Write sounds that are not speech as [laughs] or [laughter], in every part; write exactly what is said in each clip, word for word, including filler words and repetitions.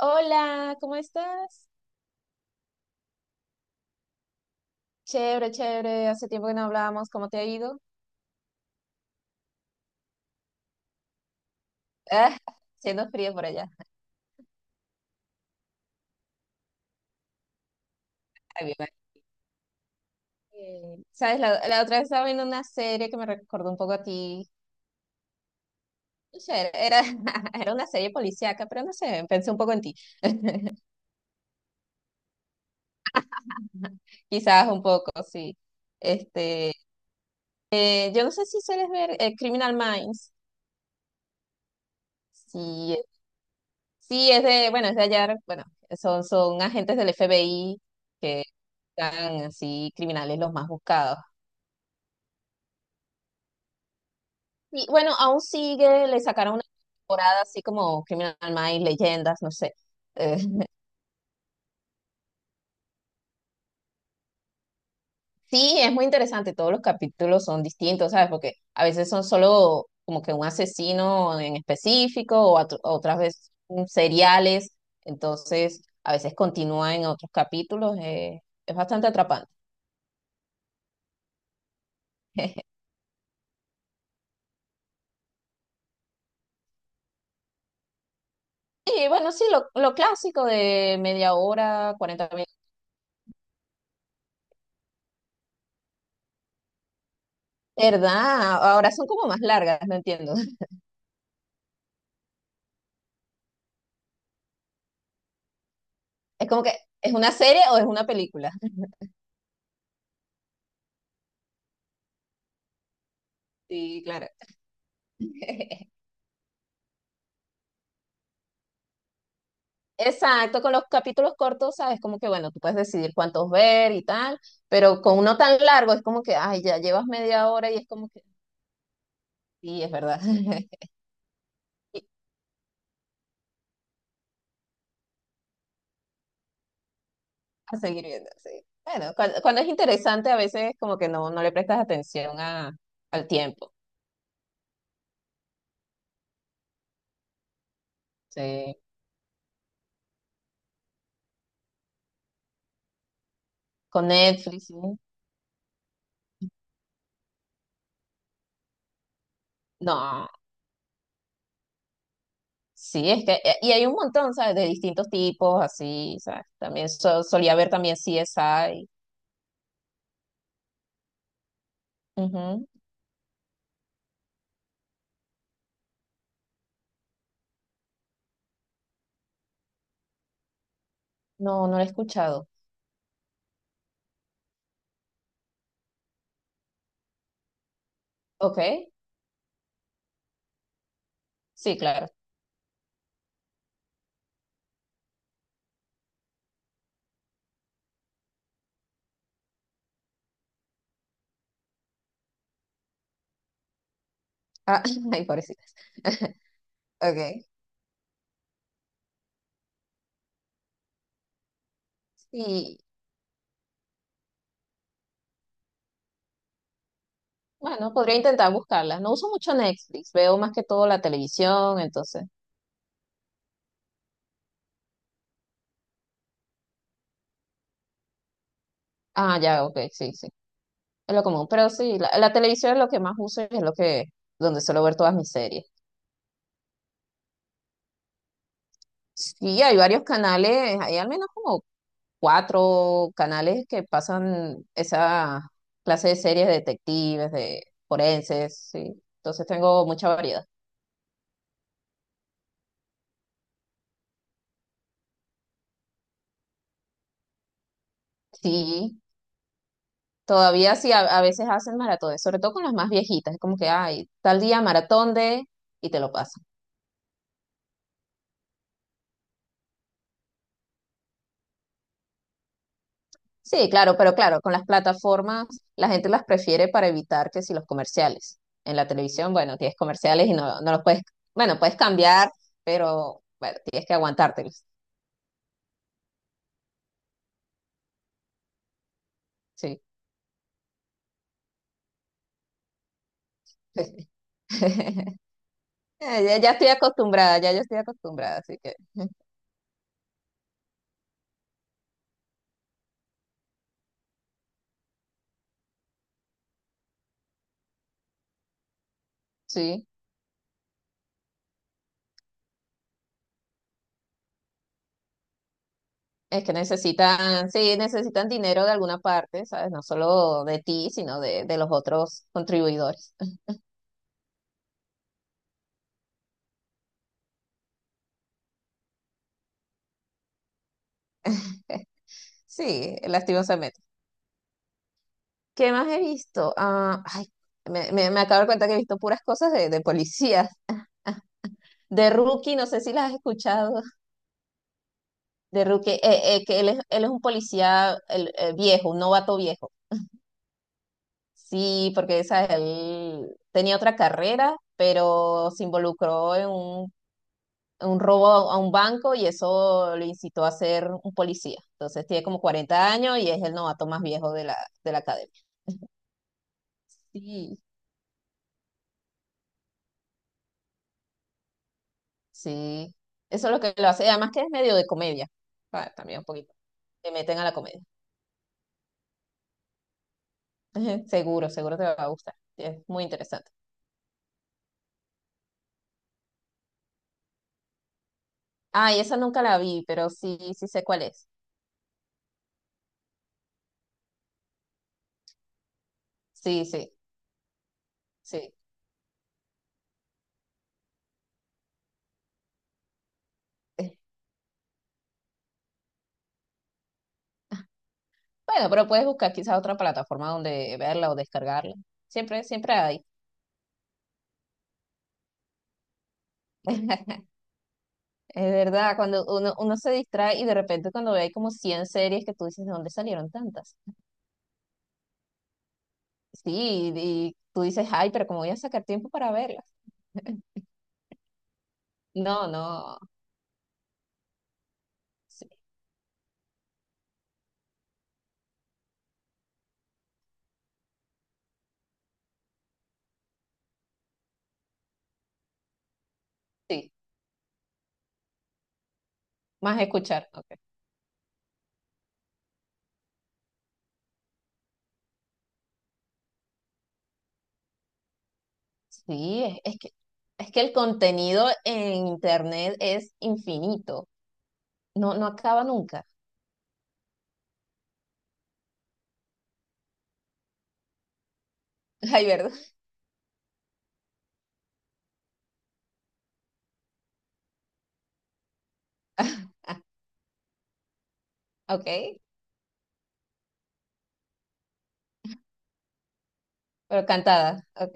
Hola, ¿cómo estás? Chévere, chévere. Hace tiempo que no hablábamos. ¿Cómo te ha ido? Ah, siendo frío por allá. Ay, mi Eh, ¿Sabes? La, la otra vez estaba viendo una serie que me recordó un poco a ti. No sé, era, [laughs] era una serie policíaca, pero no sé, pensé un poco en ti. [laughs] Quizás un poco, sí. Este, eh, yo no sé si sueles ver eh, Criminal Minds. Sí, eh, sí, es de, bueno, es de allá, bueno, son, son agentes del F B I que están así criminales los más buscados. Sí, bueno, aún sigue, le sacaron una temporada así como Criminal Minds, Leyendas, no sé. Eh, sí, es muy interesante, todos los capítulos son distintos, ¿sabes? Porque a veces son solo como que un asesino en específico o atr- otras veces mm, seriales, entonces a veces continúa en otros capítulos, eh, es bastante atrapante. [laughs] Y bueno, sí, lo, lo clásico de media hora, cuarenta minutos. ¿Verdad? Ahora son como más largas, no entiendo. [laughs] Es como que, ¿es una serie o es una película? Sí, claro. [laughs] Exacto, con los capítulos cortos, sabes, como que bueno, tú puedes decidir cuántos ver y tal, pero con uno tan largo es como que, ay, ya llevas media hora y es como que, sí, es verdad. [laughs] Y a seguir viendo, sí. Bueno, cuando, cuando es interesante a veces como que no, no le prestas atención a, al tiempo. Sí. Con Netflix, sí. No, sí, es que, eh, y hay un montón, ¿sabes? De distintos tipos, así, ¿sabes? También so- solía ver también C S I. Ujú. No, no lo he escuchado. Ok. Sí, claro. Ah, [laughs] ay, pobrecita. [laughs] Ok. Y bueno, podría intentar buscarla. No uso mucho Netflix, veo más que todo la televisión, entonces. Ah, ya, ok, sí, sí. Es lo común. Pero sí, la, la televisión es lo que más uso y es lo que, donde suelo ver todas mis series. Sí, hay varios canales, hay al menos como cuatro canales que pasan esa clase de series de detectives, de forenses, sí. Entonces tengo mucha variedad. Sí. Todavía sí, a, a veces hacen maratones, sobre todo con las más viejitas, es como que, ay, tal día maratón de, y te lo pasan. Sí, claro, pero claro, con las plataformas la gente las prefiere para evitar que si los comerciales. En la televisión, bueno, tienes comerciales y no, no los puedes, bueno, puedes cambiar, pero bueno, tienes que aguantártelos. Sí. [laughs] Ya, ya estoy acostumbrada, ya, ya estoy acostumbrada, así que sí. Es que necesitan, sí, necesitan dinero de alguna parte, ¿sabes? No solo de ti, sino de, de los otros contribuidores. [laughs] Sí, lastimosamente. ¿Qué más he visto? Ah, ay, me, me, me acabo de dar cuenta que he visto puras cosas de, de policías. [laughs] De Rookie, no sé si las has escuchado. De Rookie, eh, eh, que él es, él es un policía el- eh, viejo, un novato viejo. Sí, porque esa, él tenía otra carrera, pero se involucró en un un robo a a un banco y eso lo incitó a ser un policía. Entonces tiene como cuarenta años y es el novato más viejo de la, de la academia. Sí, sí. Eso es lo que lo hace. Además que es medio de comedia. Ah, también un poquito. Te meten a la comedia. [laughs] Seguro, seguro te va a gustar. Es muy interesante. Ay, esa nunca la vi, pero sí, sí sé cuál es. Sí, sí, sí. Eh, Bueno, pero puedes buscar quizás otra plataforma donde verla o descargarla. Siempre, siempre hay. [laughs] Es verdad, cuando uno, uno se distrae y de repente cuando ve hay como cien series que tú dices, ¿de dónde salieron tantas? Sí, y tú dices, ay, pero ¿cómo voy a sacar tiempo para verlas? [laughs] No, no, sí, sí, más escuchar, ok. Sí, es, es que, es que el contenido en internet es infinito, no, no acaba nunca. Ay, ¿verdad? [laughs] Ah, ok, pero cantada, ok.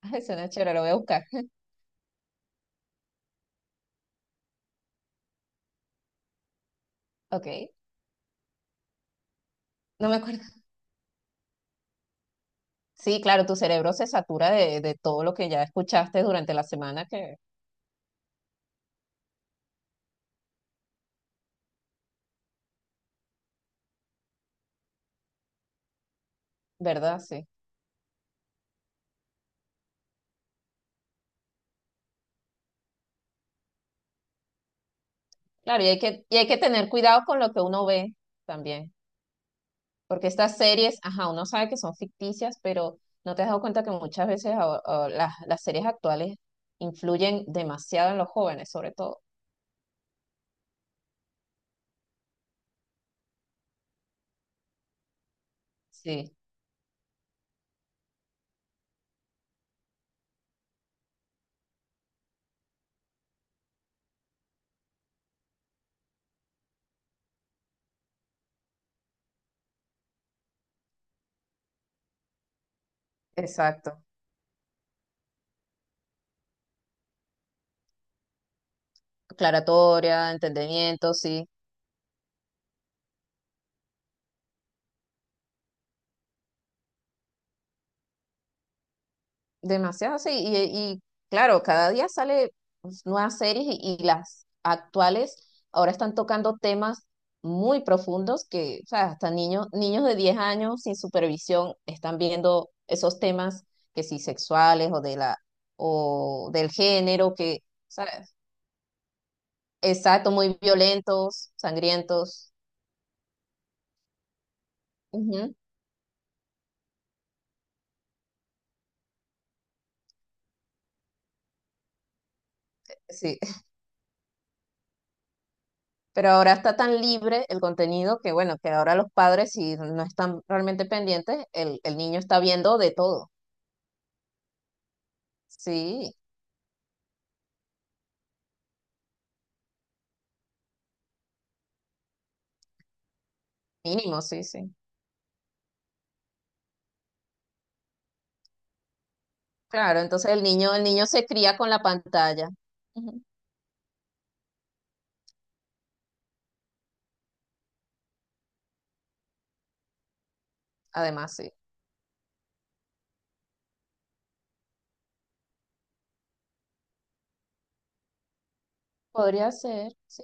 Ay, suena chévere, lo voy a buscar, ok. No me acuerdo. Sí, claro, tu cerebro se satura de, de todo lo que ya escuchaste durante la semana, que, ¿verdad? Sí. Claro, y hay que, y hay que tener cuidado con lo que uno ve también, porque estas series, ajá, uno sabe que son ficticias, pero no te has dado cuenta que muchas veces a- a las, las series actuales influyen demasiado en los jóvenes, sobre todo. Sí, exacto. Aclaratoria, entendimiento, sí. Demasiado, sí. Y, y claro, cada día sale pues, nuevas series y, y las actuales ahora están tocando temas muy profundos que, o sea, hasta niños, niños de diez años sin supervisión están viendo esos temas que sí sexuales o de la o del género que, o sea, exacto, muy violentos, sangrientos. Ujú. Sí. Pero ahora está tan libre el contenido que, bueno, que ahora los padres, si no están realmente pendientes, el, el niño está viendo de todo. Sí, mínimo, sí, sí. Claro, entonces el niño, el niño se cría con la pantalla. Ujú. Además, sí. Podría ser, sí.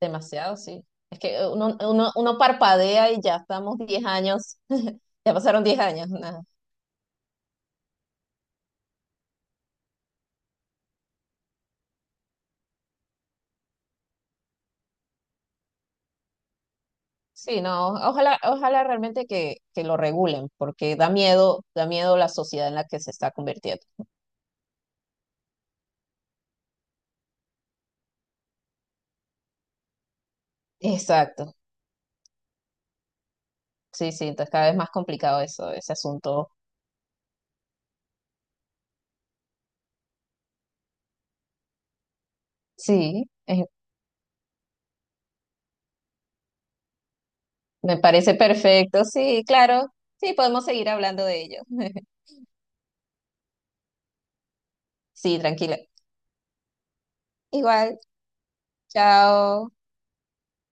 Demasiado, sí. Es que uno, uno, uno parpadea y ya estamos diez años. [laughs] Ya pasaron diez años. Nada. Sí, no, ojalá, ojalá realmente que, que lo regulen, porque da miedo, da miedo la sociedad en la que se está convirtiendo. Exacto. Sí, sí, entonces cada vez más complicado eso, ese asunto. Sí, eh, me parece perfecto, sí, claro. Sí, podemos seguir hablando de ello. [laughs] Sí, tranquila. Igual, chao.